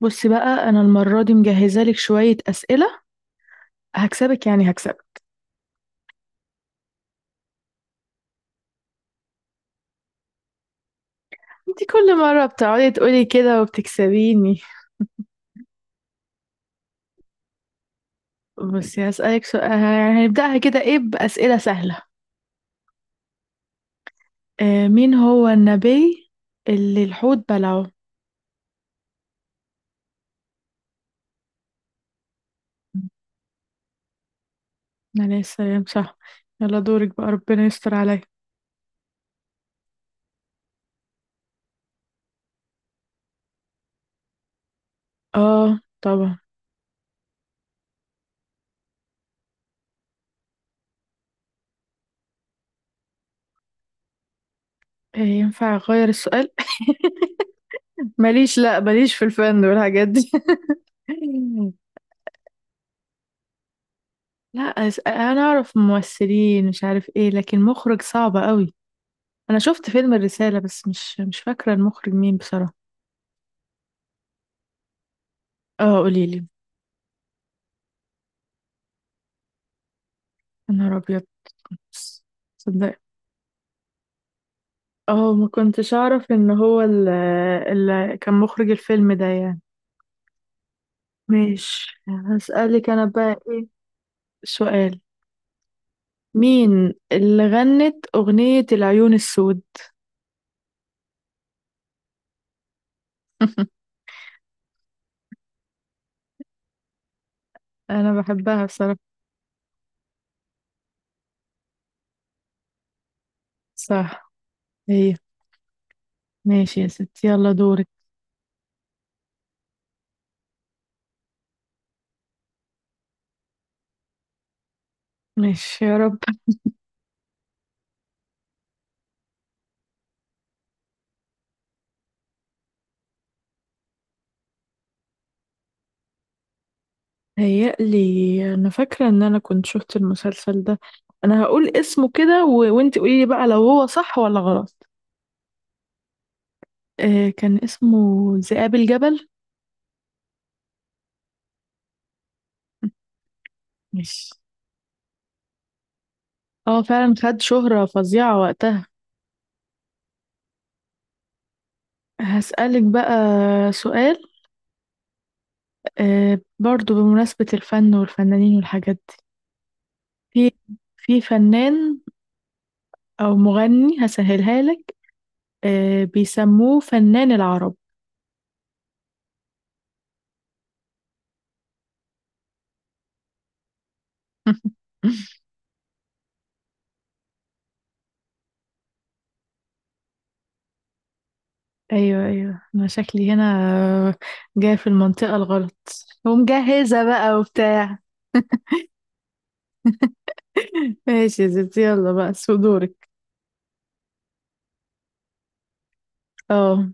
بص بقى انا المره دي مجهزه لك شويه اسئله. هكسبك هكسبك. انت كل مره بتقعدي تقولي كده وبتكسبيني. بصي هسالك سؤال، يعني هنبداها كده ايه، باسئله سهله. آه، مين هو النبي اللي الحوت بلعه؟ عليه السلام، صح. يلا دورك بقى، ربنا يستر عليا. اه طبعا. آه، ينفع اغير السؤال؟ ماليش، لا ماليش في الفن والحاجات دي. لا انا اعرف ممثلين، مش عارف ايه، لكن مخرج صعب قوي. انا شفت فيلم الرسالة بس مش فاكرة المخرج مين بصراحة. اه قوليلي. يا نهار ابيض. صدق. اه ما كنتش اعرف ان هو اللي كان مخرج الفيلم ده يعني. ماشي، هسألك انا بقى ايه سؤال. مين اللي غنت اغنية العيون السود؟ انا بحبها بصراحة. صح. هي. ماشي يا ستي، يلا دورك. ماشي يا رب. هيقلي. انا فاكره ان انا كنت شفت المسلسل ده. انا هقول اسمه كده وانت قولي لي بقى لو هو صح ولا غلط. آه كان اسمه ذئاب الجبل. ماشي. اه فعلا خد شهره فظيعه وقتها. هسألك بقى سؤال. آه، برضو بمناسبة الفن والفنانين والحاجات دي. في فنان أو مغني، هسهلها لك. آه، بيسموه فنان العرب. ايوه ايوه، انا شكلي هنا جاي في المنطقة الغلط. ومجهزة بقى وبتاع. ماشي يا ستي، يلا بقى سو دورك. اه.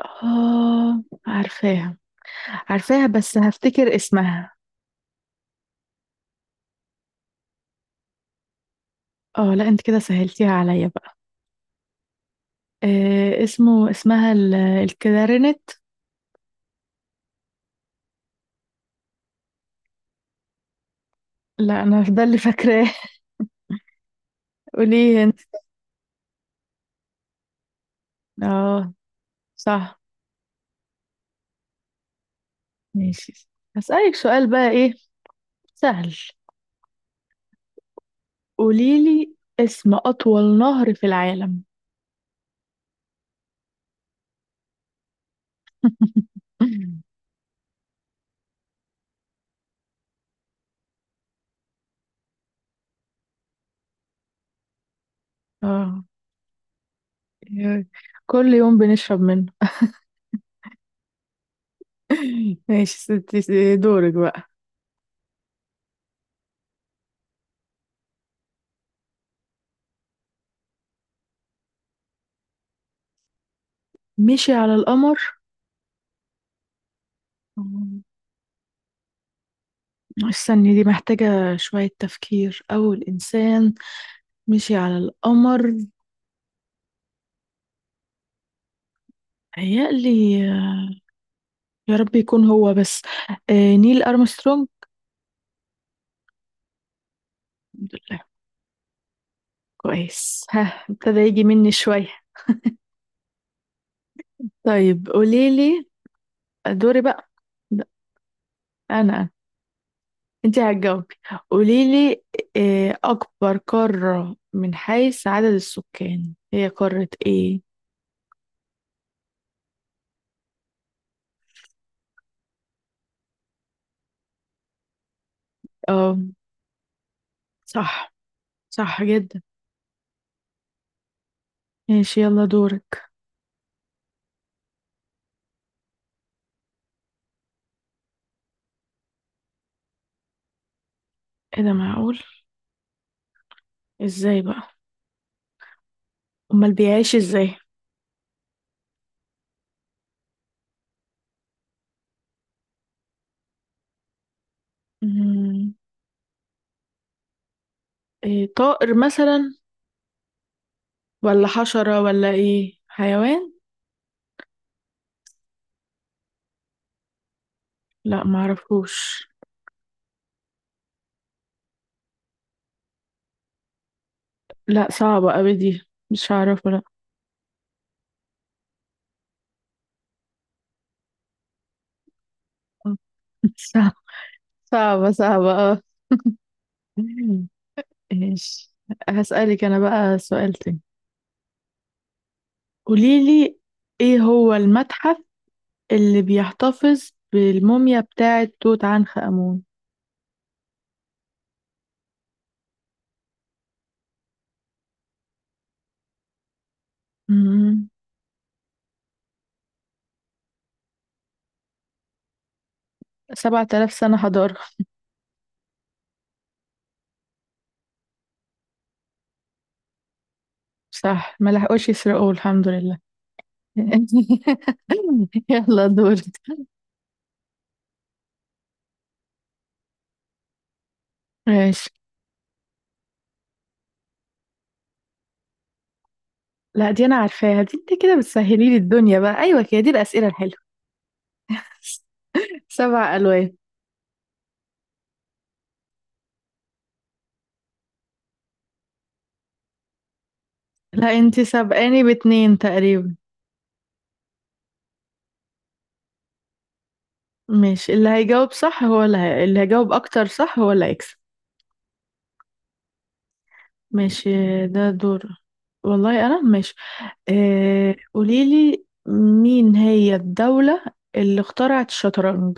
اه عارفاها، عارفاها، بس هفتكر اسمها. اه لا، انت كده سهلتيها عليا بقى. آه اسمه، اسمها الكلارينت. لا انا ده اللي فاكراه. قوليه انت. اه صح. ماشي هسألك سؤال بقى، ايه سهل. قوليلي اسم اطول نهر في العالم. اه. كل يوم بنشرب منه. ماشي ستي، دورك بقى. مشي على القمر. مم. استني، دي محتاجة شوية تفكير. أول إنسان مشي على القمر. هيقلي. يا رب يكون هو بس. آه، نيل أرمسترونج. الحمد لله. كويس، ها ابتدى يجي مني شوية. طيب قوليلي. دوري بقى. لا، أنا. انت هتجاوبي. قوليلي آه، اكبر قارة من حيث عدد السكان هي قارة ايه؟ اه صح. صح جدا. ماشي يلا دورك. ايه ده، معقول؟ ازاي بقى؟ امال بيعيش ازاي؟ مم، إيه، طائر مثلا ولا حشرة ولا ايه حيوان؟ لا معرفوش. لا صعبة اوي دي، مش هعرفه لا. صعبة صعبة صعبة. اه. ماشي. هسألك انا بقى سؤال تاني. قوليلي ايه هو المتحف اللي بيحتفظ بالموميا بتاعة توت عنخ آمون؟ مم. 7000 سنة حضارة. صح، ما لحقوش يسرقوه الحمد لله. يلا دورك. ماشي. لا دي أنا عارفاها دي، انت كده بتسهلي لي الدنيا بقى، أيوة كده دي الأسئلة الحلوة. 7 ألوان. لا انت سابقاني باتنين تقريبا. ماشي، اللي هيجاوب صح هو اللي هيجاوب أكتر صح هو اللي هيكسب. ماشي. ده دور والله. أنا ماشي. آه، قوليلي مين هي الدولة اللي اخترعت الشطرنج؟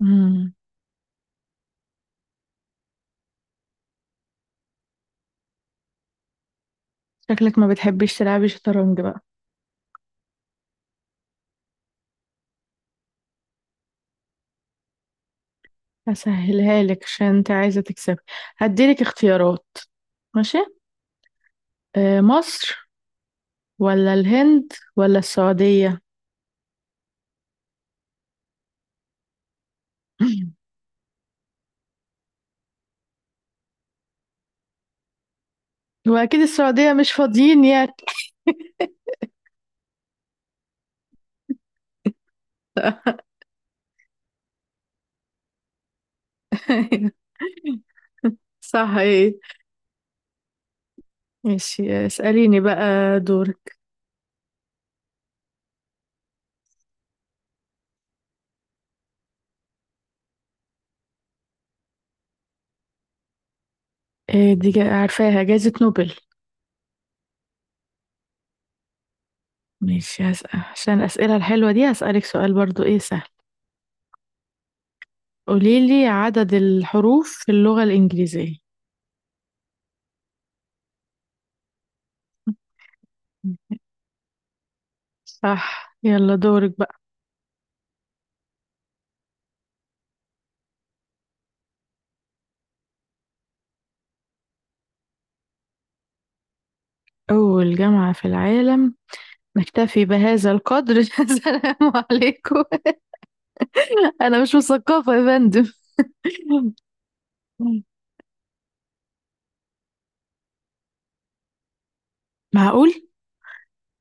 مم. شكلك ما بتحبيش تلعبي شطرنج بقى. هسهلها لك عشان انت عايزة تكسبي. هديلك اختيارات. ماشي. آه، مصر ولا الهند ولا السعودية؟ واكيد السعودية مش فاضيين يعني. صح ايه. ماشي اسأليني بقى. دورك. إيه دي، عارفاها، جائزة نوبل. ماشي هسأل، عشان الأسئلة الحلوة دي هسألك سؤال برضو ايه سهل. قوليلي عدد الحروف في اللغة الإنجليزية. صح يلا دورك بقى. أول جامعة في العالم. نكتفي بهذا القدر. السلام عليكم. أنا مش مثقفة يا فندم. معقول؟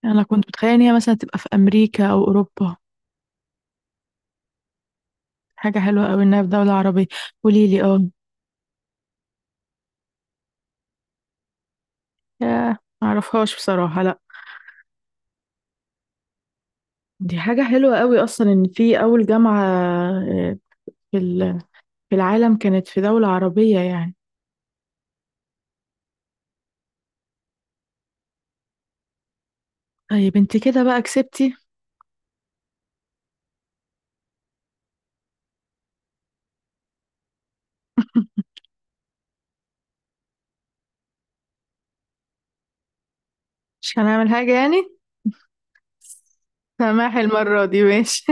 أنا كنت متخيلة إن هي مثلا تبقى في أمريكا أو أوروبا. حاجة حلوة أوي إنها في دولة عربية. قوليلي اه. ياه، معرفهاش بصراحة، لأ. دي حاجة حلوة أوي أصلا إن في أول جامعة آه، في ال- في العالم كانت في دولة عربية يعني. طيب انت كده بقى كسبتي. مش هنعمل حاجة يعني. سماحي المرة دي، ماشي.